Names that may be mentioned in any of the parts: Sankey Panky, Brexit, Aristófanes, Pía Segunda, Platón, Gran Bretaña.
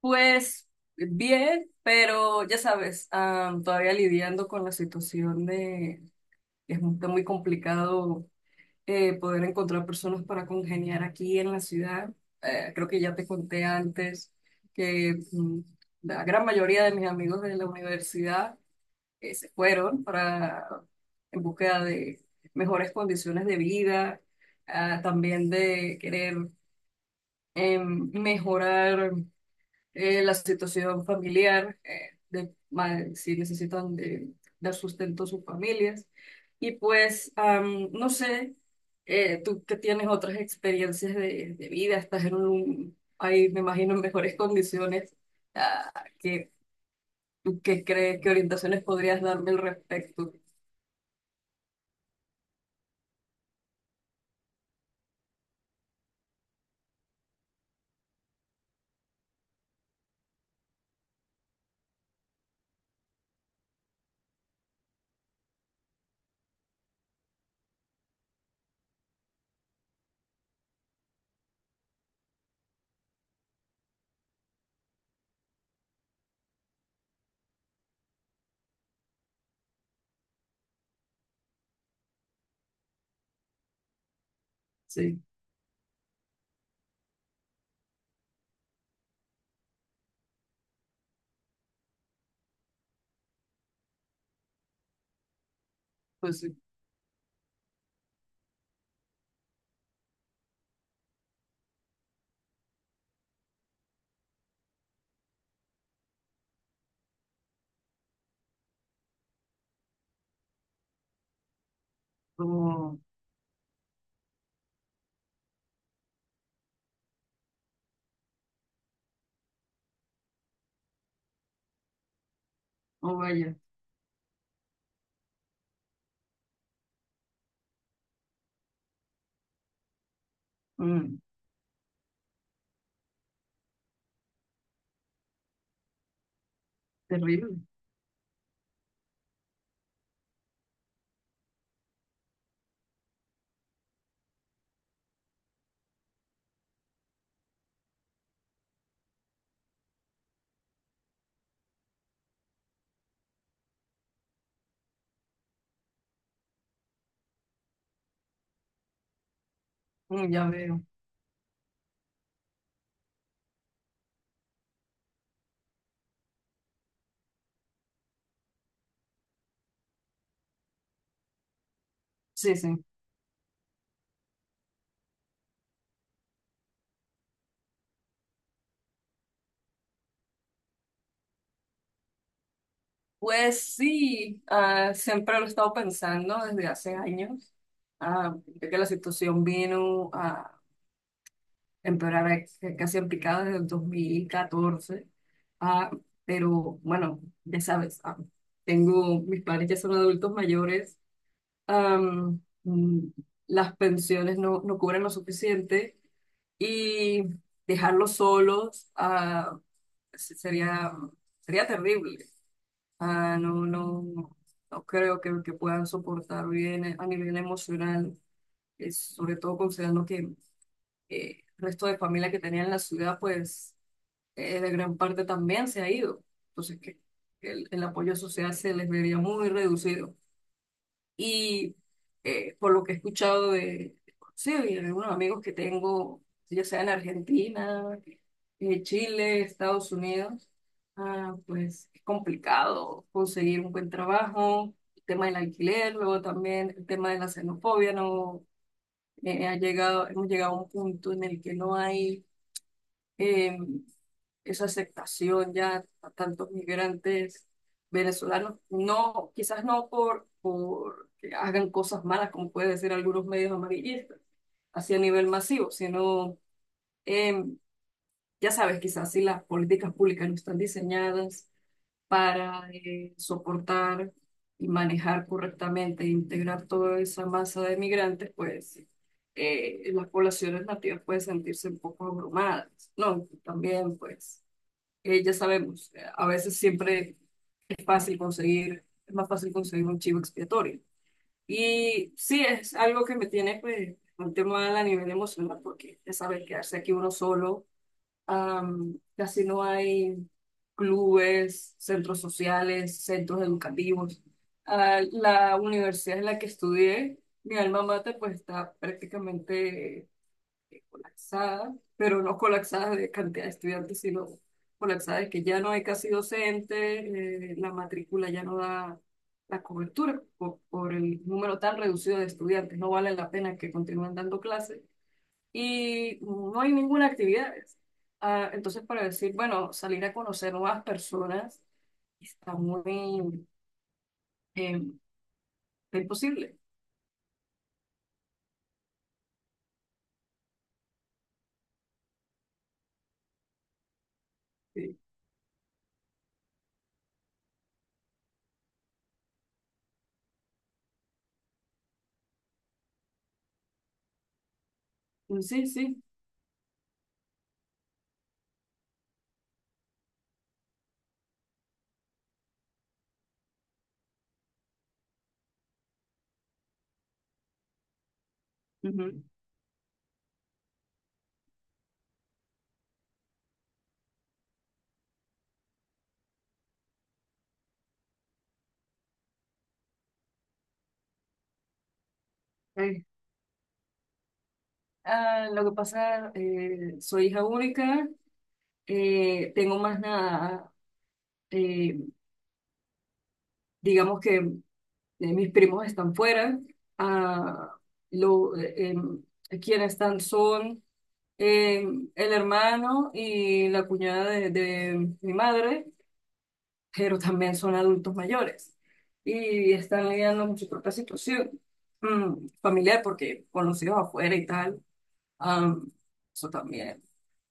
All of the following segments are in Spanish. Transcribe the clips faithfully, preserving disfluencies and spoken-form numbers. Pues bien, pero ya sabes, am, todavía lidiando con la situación de que es muy, está muy complicado eh, poder encontrar personas para congeniar aquí en la ciudad. Eh, creo que ya te conté antes que mm, la gran mayoría de mis amigos de la universidad eh, se fueron para en búsqueda de mejores condiciones de vida, ah, también de querer em, mejorar eh, la situación familiar, eh, de, ma- si necesitan eh, dar sustento a sus familias. Y pues, am, no sé, eh, tú que tienes otras experiencias de, de vida, estás en un, ahí me imagino en mejores condiciones. ah, ¿qué, ¿Tú qué crees, qué orientaciones podrías darme al respecto? Sí. Pues sí. Como, oh, vaya. Mm. Terrible. Mm, ya veo. Sí, sí. Pues sí, ah, siempre lo he estado pensando desde hace años, ah, de que la situación vino a empeorar a- casi en picada desde el dos mil catorce, ah, pero bueno, ya sabes, ah, tengo mis padres ya son adultos mayores, am, mm, las pensiones no, no cubren lo suficiente y dejarlos solos, ah, se- sería, sería terrible. Ah, no, no, no, no creo que, que puedan soportar bien eh, a nivel emocional, es, sobre todo considerando que eh, el resto de familia que tenía en la ciudad, pues eh, de gran parte también se ha ido. Entonces, que el, el apoyo social se les vería muy reducido. Y eh, por lo que he escuchado de sí, y algunos amigos que tengo, ya sea en Argentina, eh, Chile, Estados Unidos, ah, pues es complicado conseguir un buen trabajo, el tema del alquiler, luego también el tema de la xenofobia, no, eh, ha llegado, hemos llegado a un punto en el que no hay em, esa aceptación ya a tantos migrantes venezolanos, no, quizás no por, por que hagan cosas malas, como puede decir algunos medios amarillistas, hacia nivel masivo, sino, eh, ya sabes, quizás si las políticas públicas no están diseñadas para eh, soportar y manejar correctamente e integrar toda esa masa de migrantes, pues eh, las poblaciones nativas pueden sentirse un poco abrumadas, ¿no? También, pues eh, ya sabemos, eh, a veces siempre es fácil conseguir, es más fácil conseguir un chivo expiatorio. Y sí, es algo que me tiene pues un tema a nivel emocional, porque ya sabes, quedarse aquí uno solo, am, casi no hay clubes, centros sociales, centros educativos. Ah, la universidad en la que estudié, mi alma mater, pues está prácticamente eh, colapsada, pero no colapsada de cantidad de estudiantes, sino colapsada de que ya no hay casi docente, eh, la matrícula ya no da la cobertura por, por el número tan reducido de estudiantes, no vale la pena que continúen dando clases y no hay ninguna actividad. Ah, entonces, para decir, bueno, salir a conocer nuevas personas está muy eh, imposible. Sí, sí, sí. Ujú. Eh, ah, lo que pasa, eh, soy hija única, eh, tengo más nada, eh, digamos que eh, mis primos están fuera, ah, lo, eh, em, quienes están son eh, el hermano y la cuñada de, de mi madre, pero también son adultos mayores y están lidiando con su propia situación mm, familiar, porque con los hijos afuera y tal, am, eso también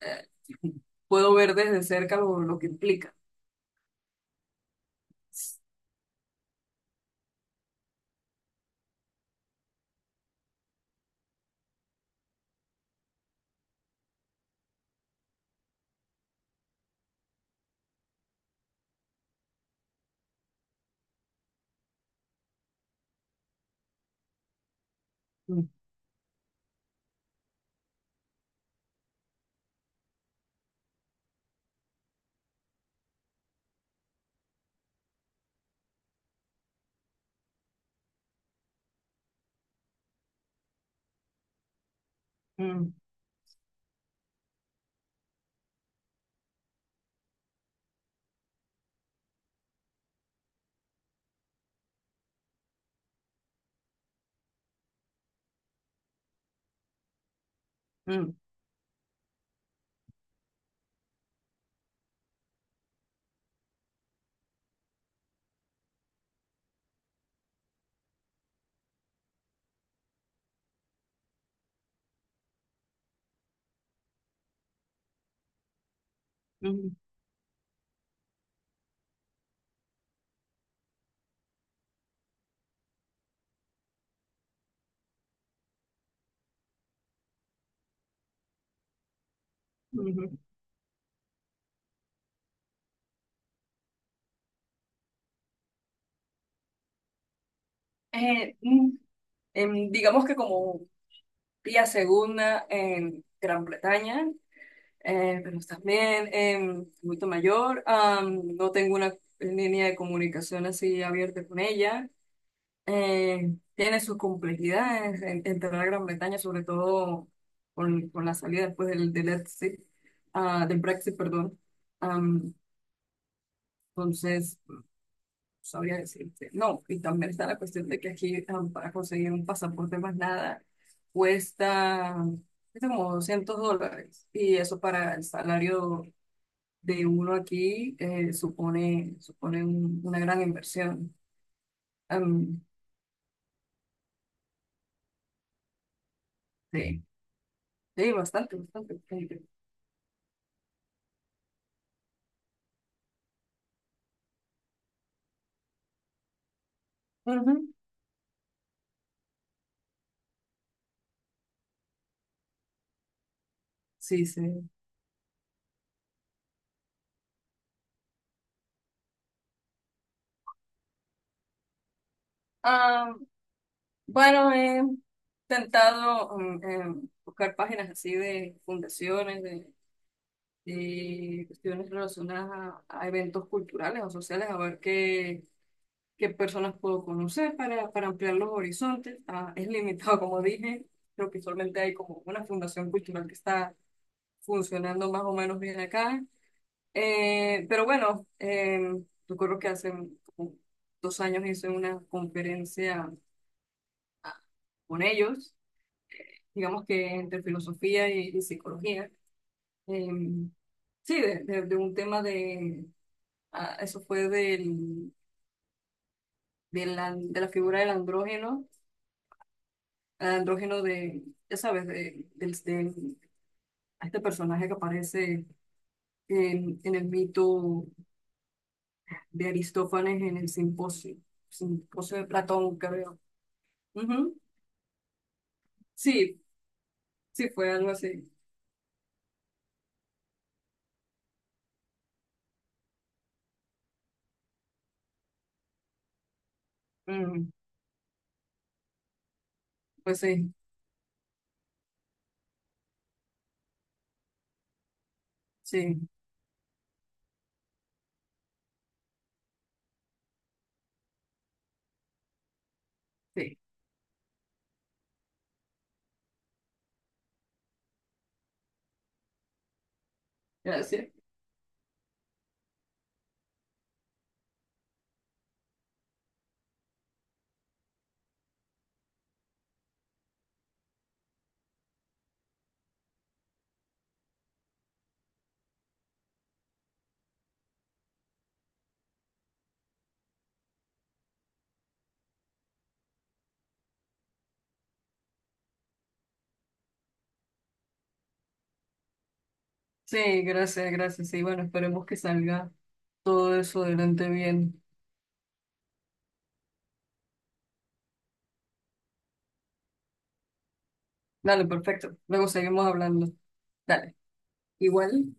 eh, puedo ver desde cerca lo, lo que implica. Mm, mm, mm. Ujú, ujú. Eh, mm, em, digamos que como Pía Segunda en Gran Bretaña, eh, pero también en Adulto Mayor, am, no tengo una línea de comunicación así abierta con ella. Eh, tiene sus complejidades en entrar a Gran Bretaña, sobre todo con, con la salida después del, del Brexit, ah, del Brexit, perdón. Am, entonces, sabría decirte. No, y también está la cuestión de que aquí am, para conseguir un pasaporte más nada cuesta, cuesta como doscientos dólares. Y eso para el salario de uno aquí eh, supone, supone un- una gran inversión. Am, sí, sí, bastante, bastante. Bastante. Ujú. Sí, sí. Ah, bueno, he intentado mm, em, buscar páginas así de fundaciones, de de cuestiones relacionadas a, a eventos culturales o sociales, a ver qué, qué personas puedo conocer para, para ampliar los horizontes. Ah, es limitado, como dije, creo que solamente hay como una fundación cultural que está funcionando más o menos bien acá. Eh, pero bueno, em, recuerdo que hace como dos años hice una conferencia con ellos, digamos que entre filosofía y, y psicología. Em, sí, de de- de un tema de. Ah, eso fue del, de la, de la figura del andrógeno, el andrógeno de, ya sabes, de, del- de este personaje que aparece en, en el mito de Aristófanes en el simposio, simposio de Platón, creo. Ujú. Sí, sí, fue algo así. Mm, pues sí, sí, sí. Gracias. Sí, gracias, gracias. Sí, bueno, esperemos que salga todo eso adelante bien. Dale, perfecto. Luego seguimos hablando. Dale. Igual.